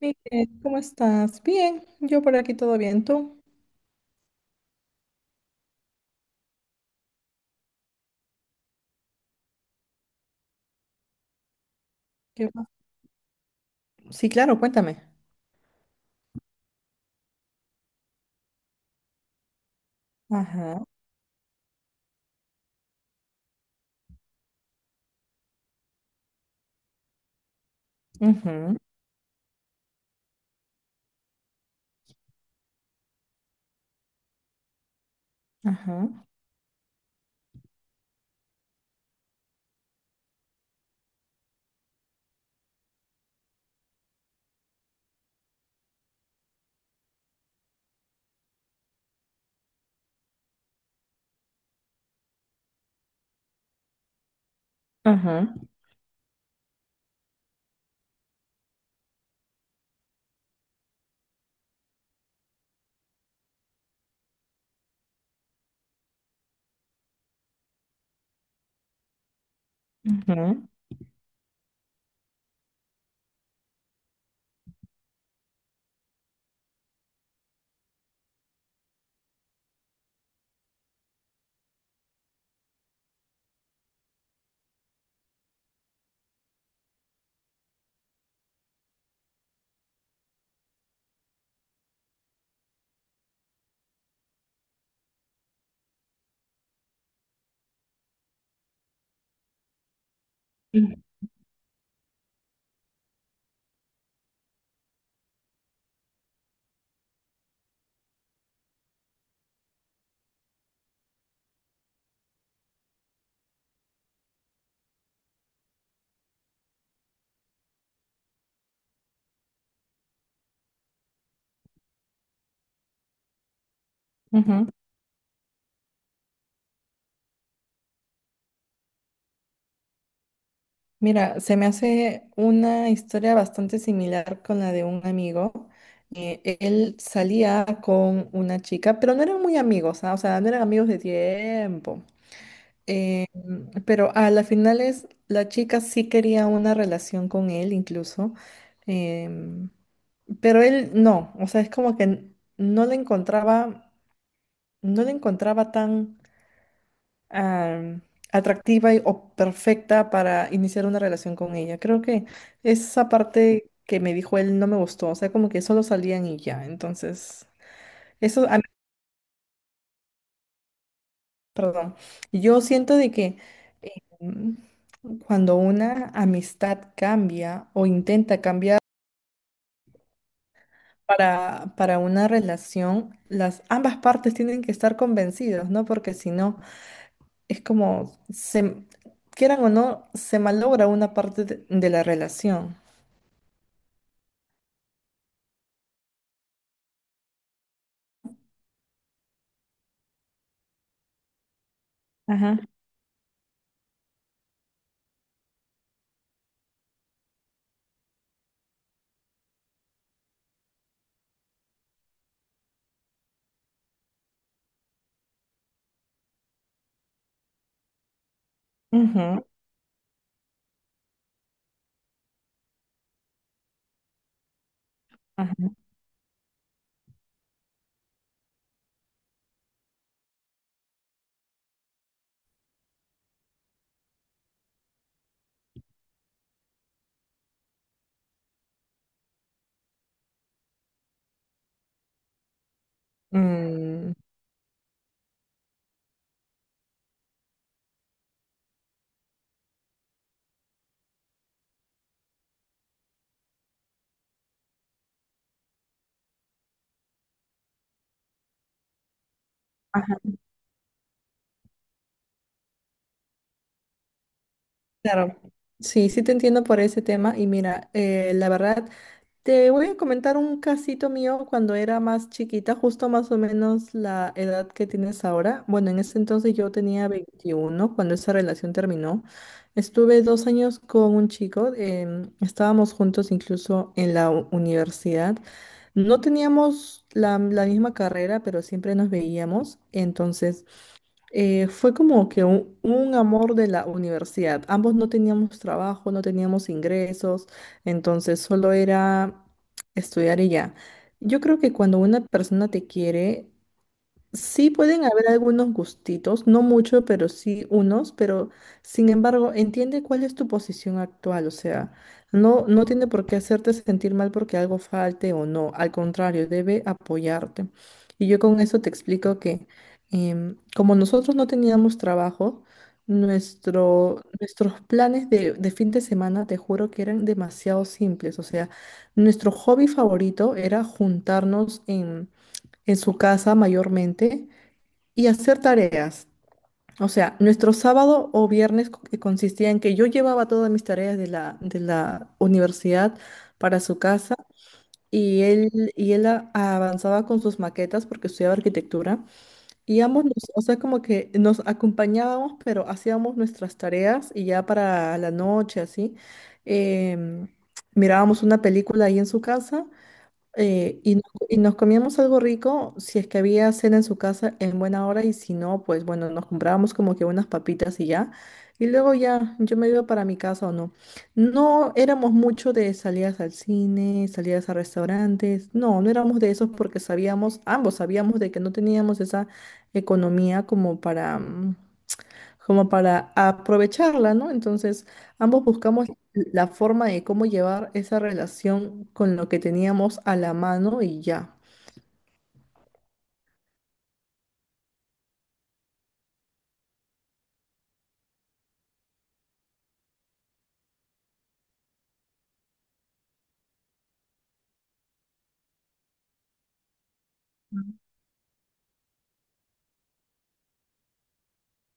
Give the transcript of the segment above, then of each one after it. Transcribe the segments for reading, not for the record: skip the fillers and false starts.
Miguel, ¿cómo estás? Bien, yo por aquí todo bien, ¿tú? ¿Qué más? Sí, claro, cuéntame. Ajá, ujú, ajá, ajá, ujú, ujú. Mira, se me hace una historia bastante similar con la de un amigo. Él salía con una chica, pero no eran muy amigos, ah, o sea, no eran amigos de tiempo. Eh, pero a las finales la chica sí quería una relación con él incluso, em, pero él no, o sea, es como que no la encontraba, no la encontraba tan am, atractiva o perfecta para iniciar una relación con ella. Creo que esa parte que me dijo él no me gustó, o sea, como que solo salían y ya, entonces eso a mí. Perdón. Yo siento de que eh, mm, cuando una amistad cambia o intenta cambiar para una relación, las ambas partes tienen que estar convencidas, ¿no? Porque si no, es como, se, quieran o no, se malogra una parte de la relación. Ajá. Ujú, ajá. Mm, ajá. Claro. Sí, sí te entiendo por ese tema. Y mira, la verdad. Te voy a comentar un casito mío cuando era más chiquita, justo más o menos la edad que tienes ahora. Bueno, en ese entonces yo tenía 21 cuando esa relación terminó. Estuve 2 años con un chico, estábamos juntos incluso en la universidad. No teníamos la misma carrera, pero siempre nos veíamos. Entonces fue como que un amor de la universidad. Ambos no teníamos trabajo, no teníamos ingresos, entonces solo era estudiar y ya. Yo creo que cuando una persona te quiere, sí pueden haber algunos gustitos, no mucho, pero sí unos, pero sin embargo, entiende cuál es tu posición actual, o sea, no, no tiene por qué hacerte sentir mal porque algo falte o no, al contrario, debe apoyarte. Y yo con eso te explico que como nosotros no teníamos trabajo, nuestros planes de fin de semana, te juro que eran demasiado simples, o sea, nuestro hobby favorito era juntarnos en su casa mayormente y hacer tareas. O sea, nuestro sábado o viernes que consistía en que yo llevaba todas mis tareas de la universidad para su casa y él avanzaba con sus maquetas porque estudiaba arquitectura y ambos, o sea, como que nos acompañábamos, pero hacíamos nuestras tareas y ya para la noche, así, em, mirábamos una película ahí en su casa. Y, no- Y nos comíamos algo rico si es que había cena en su casa en buena hora y si no, pues bueno, nos comprábamos como que unas papitas y ya. Y luego ya yo me iba para mi casa o no. No éramos mucho de salidas al cine, salidas a restaurantes. No, no éramos de esos porque sabíamos, ambos sabíamos de que no teníamos esa economía como para, como para aprovecharla, ¿no? Entonces, ambos buscamos la forma de cómo llevar esa relación con lo que teníamos a la mano y ya. Mm.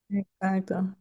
Exacto.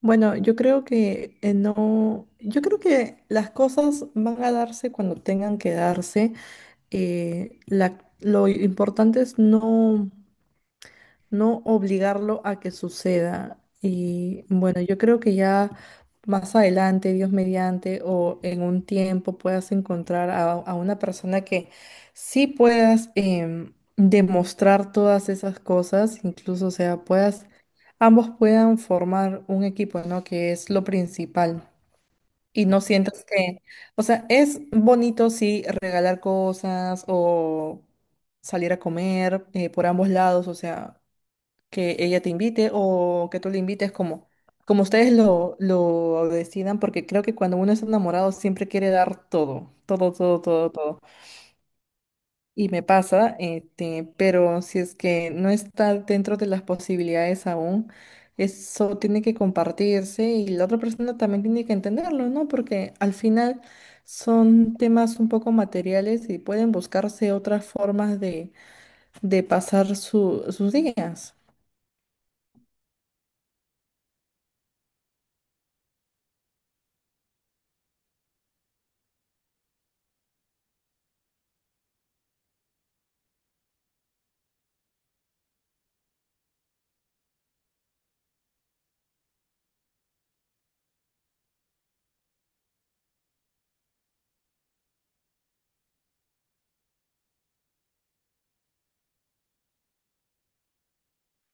Bueno, yo creo que no, yo creo que las cosas van a darse cuando tengan que darse. Lo importante es no no obligarlo a que suceda. Y bueno, yo creo que ya más adelante, Dios mediante, o en un tiempo puedas encontrar a una persona que sí puedas demostrar todas esas cosas, incluso, o sea, puedas, ambos puedan formar un equipo, ¿no? Que es lo principal. Y no sientas que, o sea, es bonito sí regalar cosas o salir a comer por ambos lados, o sea, que ella te invite o que tú le invites como ustedes lo decidan, porque creo que cuando uno es enamorado siempre quiere dar todo, todo, todo, todo, todo. Y me pasa, este, pero si es que no está dentro de las posibilidades aún, eso tiene que compartirse y la otra persona también tiene que entenderlo, ¿no? Porque al final son temas un poco materiales y pueden buscarse otras formas de pasar sus días.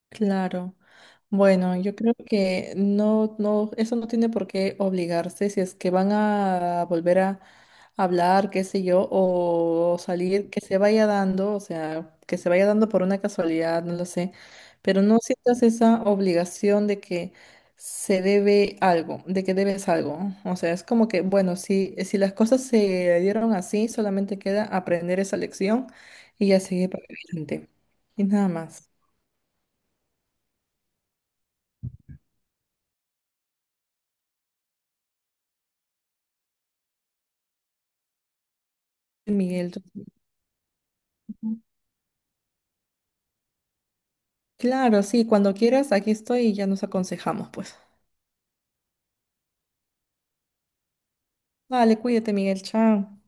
Claro. Bueno, yo creo que no, no, eso no tiene por qué obligarse si es que van a volver a hablar, qué sé yo, o salir, que se vaya dando, o sea, que se vaya dando por una casualidad, no lo sé, pero no sientas esa obligación de que se debe algo, de que debes algo. ¿No? O sea, es como que, bueno, si las cosas se dieron así, solamente queda aprender esa lección y ya seguir para adelante. Y nada más. Miguel, claro, sí, cuando quieras, aquí estoy y ya nos aconsejamos, pues. Vale, cuídate, Miguel, chao.